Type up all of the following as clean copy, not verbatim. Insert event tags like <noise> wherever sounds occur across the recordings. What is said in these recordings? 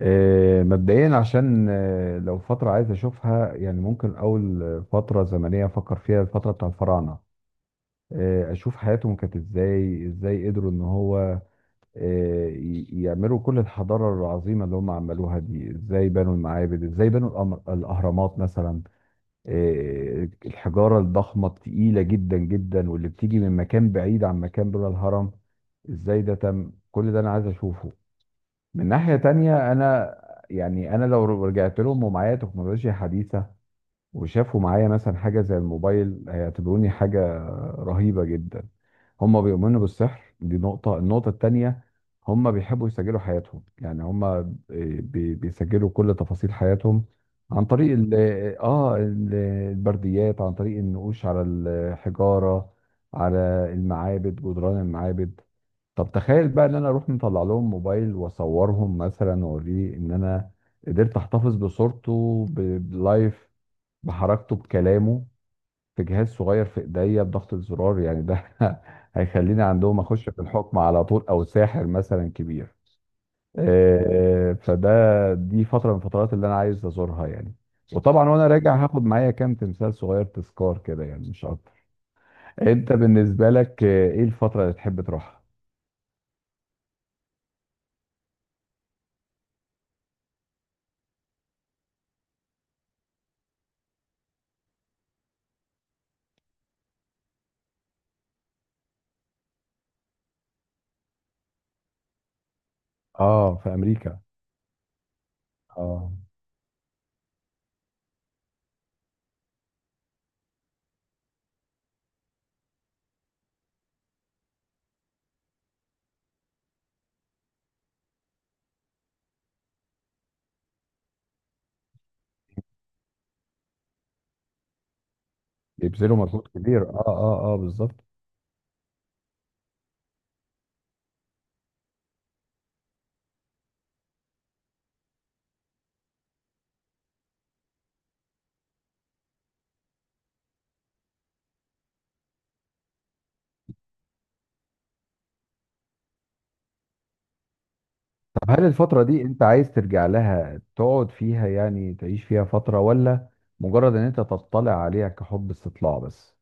مبدئيا، عشان لو فترة عايز أشوفها يعني، ممكن أول فترة زمنية أفكر فيها الفترة بتاع الفراعنة. أشوف حياتهم كانت إزاي، إزاي قدروا إن هو يعملوا كل الحضارة العظيمة اللي هم عملوها دي. إزاي بنوا المعابد، إزاي بنوا الأهرامات مثلا. الحجارة الضخمة التقيلة جدا جدا، واللي بتيجي من مكان بعيد عن مكان بلا الهرم، إزاي ده تم؟ كل ده أنا عايز أشوفه. من ناحية تانية أنا، يعني أنا لو رجعت لهم ومعايا تكنولوجيا حديثة وشافوا معايا مثلا حاجة زي الموبايل، هيعتبروني حاجة رهيبة جدا. هم بيؤمنوا بالسحر، دي نقطة. النقطة التانية، هم بيحبوا يسجلوا حياتهم، يعني هم بيسجلوا كل تفاصيل حياتهم عن طريق ال البرديات، عن طريق النقوش على الحجارة، على المعابد، جدران المعابد. طب تخيل بقى ان انا اروح مطلع لهم موبايل واصورهم مثلا، واوريه ان انا قدرت احتفظ بصورته بلايف، بحركته، بكلامه، في جهاز صغير في ايديا بضغط الزرار يعني، ده <laughs> هيخليني عندهم اخش في الحكم على طول، او ساحر مثلا كبير. فده دي فتره من الفترات اللي انا عايز ازورها يعني. وطبعا وانا راجع هاخد معايا كام تمثال صغير، تذكار كده يعني، مش اكتر. انت بالنسبه لك، ايه الفتره اللي تحب تروحها؟ اه، في امريكا، اه. اه، بيبذلوا مجهود كبير، اه اه اه، بالظبط. طب هل الفترة دي انت عايز ترجع لها تقعد فيها يعني، تعيش فيها فترة، ولا مجرد ان انت تطلع عليها كحب استطلاع بس؟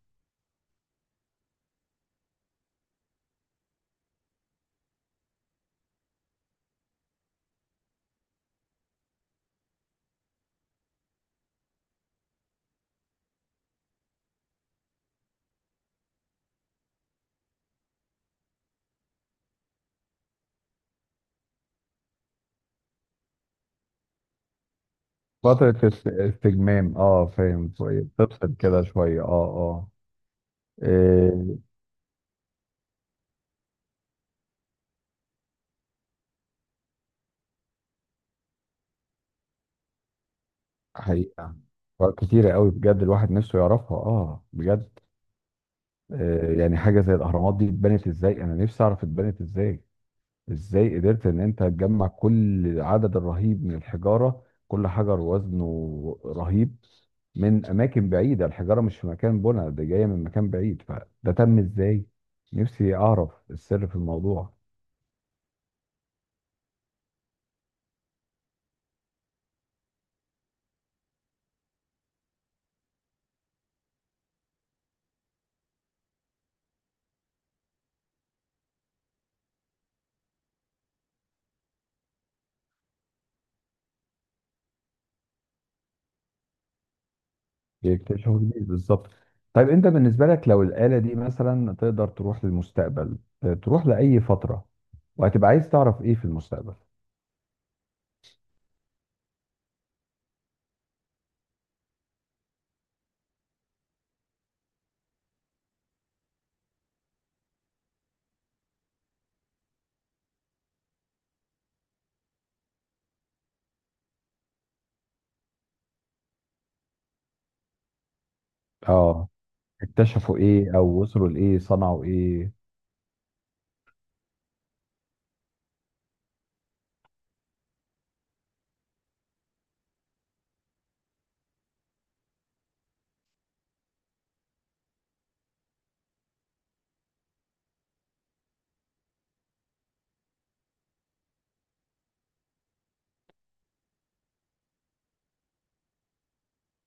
فترة استجمام، اه، فاهم، شوية تفصل كده شوية، اه اه. إيه، حقيقة كتيرة قوي، بجد الواحد نفسه يعرفها، اه بجد. إيه، يعني حاجة زي الأهرامات دي اتبنت ازاي، انا نفسي اعرف اتبنت ازاي. ازاي قدرت ان انت تجمع كل العدد الرهيب من الحجارة، كل حجر وزنه رهيب من اماكن بعيدة؟ الحجارة مش في مكان بنا ده، جاية من مكان بعيد، فده تم ازاي؟ نفسي اعرف السر في الموضوع. يكتشفوا جديد بالظبط. طيب انت بالنسبة لك، لو الآلة دي مثلا تقدر تروح للمستقبل، تروح لأي فترة، وهتبقى عايز تعرف ايه في المستقبل؟ اه، اكتشفوا ايه، او وصلوا لايه، صنعوا ايه.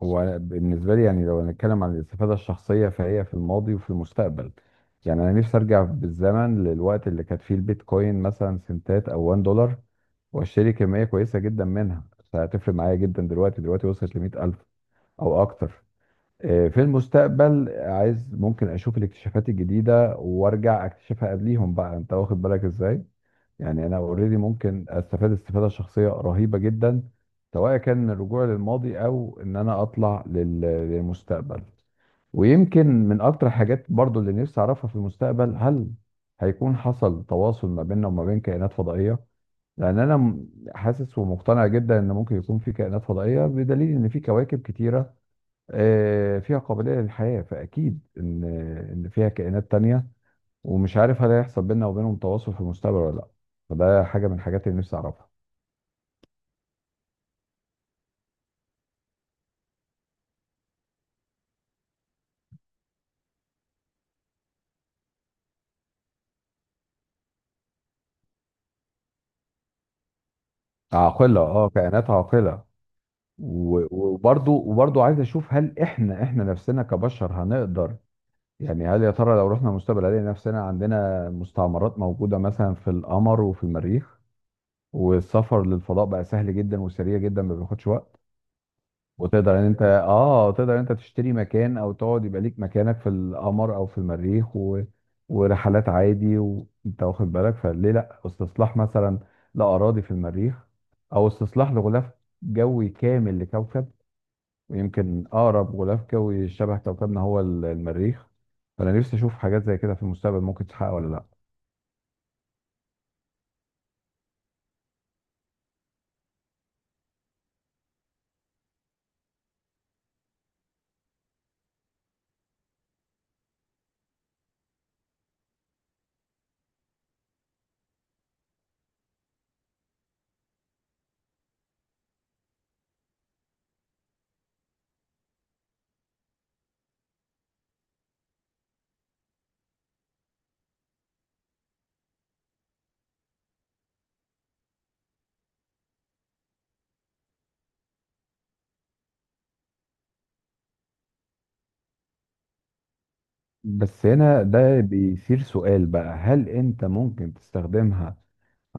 هو بالنسبة لي يعني، لو هنتكلم عن الاستفادة الشخصية، فهي في الماضي وفي المستقبل. يعني أنا نفسي أرجع بالزمن للوقت اللي كانت فيه البيتكوين مثلا سنتات أو $1، وأشتري كمية كويسة جدا منها، فهتفرق معايا جدا دلوقتي. دلوقتي وصلت لمئة ألف أو أكتر. في المستقبل عايز ممكن أشوف الاكتشافات الجديدة وأرجع أكتشفها قبليهم بقى، أنت واخد بالك إزاي؟ يعني انا اوريدي ممكن استفاد استفاده شخصيه رهيبه جدا، سواء كان من الرجوع للماضي، او ان انا اطلع للمستقبل. ويمكن من اكتر حاجات برضو اللي نفسي اعرفها في المستقبل، هل هيكون حصل تواصل ما بيننا وما بين كائنات فضائية؟ لان انا حاسس ومقتنع جدا ان ممكن يكون في كائنات فضائية، بدليل ان في كواكب كتيرة فيها قابلية للحياة، فاكيد ان فيها كائنات تانية. ومش عارف هل هيحصل بيننا وبينهم تواصل في المستقبل ولا لا، فده حاجه من الحاجات اللي نفسي اعرفها. عاقله، اه، كائنات عاقله. وبرضو عايز اشوف هل احنا، نفسنا كبشر هنقدر، يعني هل يا ترى لو رحنا المستقبل هنلاقي نفسنا عندنا مستعمرات موجوده مثلا في القمر وفي المريخ، والسفر للفضاء بقى سهل جدا وسريع جدا، ما بياخدش وقت. وتقدر ان انت اه، تقدر ان انت تشتري مكان او تقعد يبقى ليك مكانك في القمر او في المريخ، و... ورحلات عادي وانت واخد بالك. فليه لا استصلاح مثلا لاراضي في المريخ، او استصلاح لغلاف جوي كامل لكوكب؟ ويمكن اقرب غلاف جوي شبه كوكبنا هو المريخ. فانا نفسي اشوف حاجات زي كده في المستقبل ممكن تتحقق ولا لا. بس هنا ده بيثير سؤال بقى، هل انت ممكن تستخدمها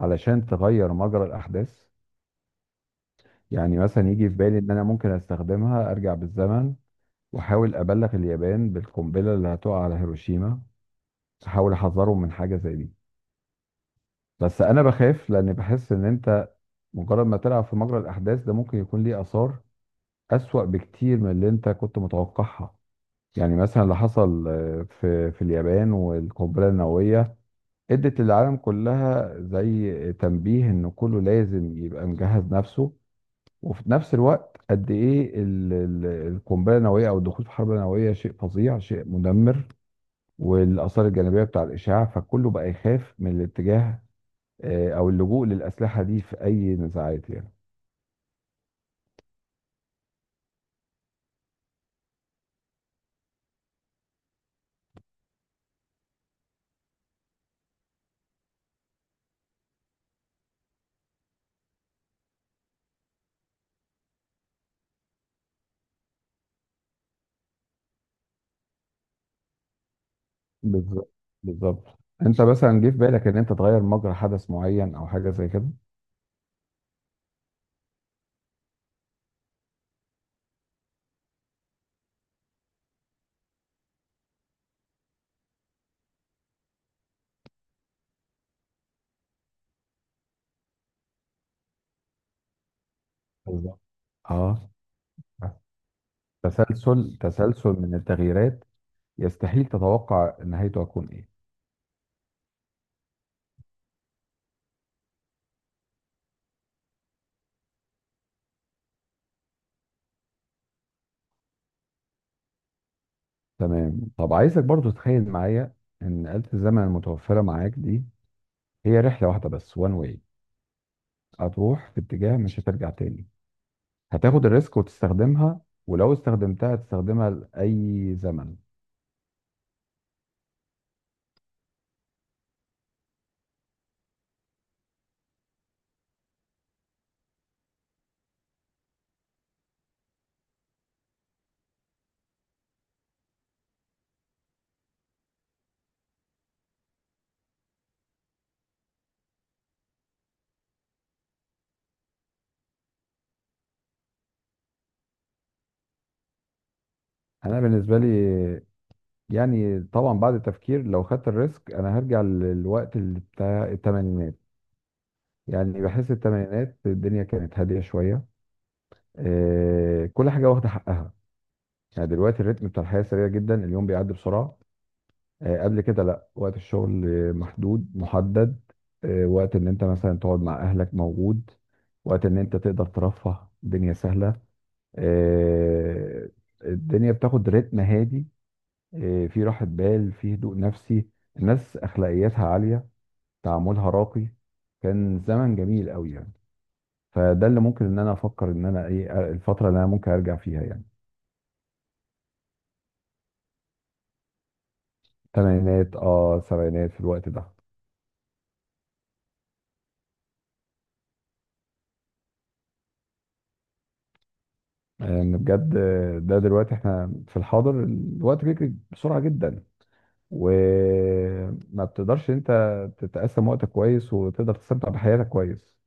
علشان تغير مجرى الاحداث؟ يعني مثلا يجي في بالي ان انا ممكن استخدمها ارجع بالزمن، واحاول ابلغ اليابان بالقنبله اللي هتقع على هيروشيما، احاول احذرهم من حاجه زي دي. بس انا بخاف، لان بحس ان انت مجرد ما تلعب في مجرى الاحداث ده، ممكن يكون ليه اثار اسوأ بكتير من اللي انت كنت متوقعها. يعني مثلا اللي حصل في اليابان والقنبله النوويه ادت للعالم كلها زي تنبيه، ان كله لازم يبقى مجهز نفسه. وفي نفس الوقت قد ايه القنبله النوويه او الدخول في حرب نوويه شيء فظيع، شيء مدمر، والاثار الجانبيه بتاع الاشعاع، فكله بقى يخاف من الاتجاه او اللجوء للاسلحه دي في اي نزاعات يعني. بالظبط، بالظبط. انت مثلا جه في بالك ان انت تغير مجرى حدث معين او حاجه زي كده؟ بالظبط. اه، تسلسل، تسلسل من التغييرات يستحيل تتوقع نهايته هتكون ايه. تمام، طب عايزك برضو تتخيل معايا ان آلة الزمن المتوفرة معاك دي هي رحلة واحدة بس، وان واي هتروح في اتجاه مش هترجع تاني. هتاخد الريسك وتستخدمها؟ ولو استخدمتها هتستخدمها لأي زمن؟ أنا بالنسبة لي، يعني طبعا بعد التفكير لو خدت الريسك، أنا هرجع للوقت اللي بتاع التمانينات. يعني بحس التمانينات الدنيا كانت هادية شوية. كل حاجة واخدة حقها. يعني دلوقتي الريتم بتاع الحياة سريع جدا، اليوم بيعدي بسرعة. قبل كده لا، وقت الشغل محدود محدد. وقت ان انت مثلا تقعد مع اهلك موجود، وقت ان انت تقدر ترفه، الدنيا سهلة. آه، الدنيا بتاخد رتم هادي. في راحة بال، في هدوء نفسي. الناس اخلاقياتها عالية، تعاملها راقي. كان زمن جميل قوي يعني. فده اللي ممكن ان انا افكر ان انا ايه الفترة اللي انا ممكن ارجع فيها يعني. تمانينات، اه، سبعينات، في الوقت ده. ان بجد ده دلوقتي احنا في الحاضر، الوقت بيجري بسرعه جدا، وما بتقدرش انت تتقسم وقتك كويس وتقدر تستمتع بحياتك كويس.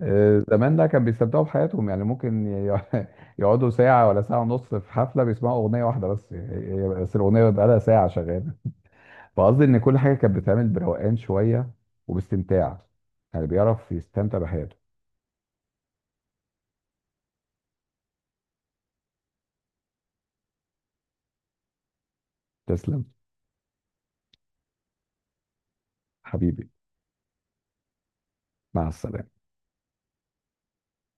زمان ده كان بيستمتعوا بحياتهم يعني. ممكن <laughs> يقعدوا ساعه ولا ساعه ونص في حفله بيسمعوا اغنيه واحده بس، بس الاغنيه بقى لها ساعه شغاله. فقصدي ان كل حاجه كانت بتتعمل بروقان شويه وباستمتاع، يعني بيعرف يستمتع بحياته. تسلم، حبيبي. مع السلامه.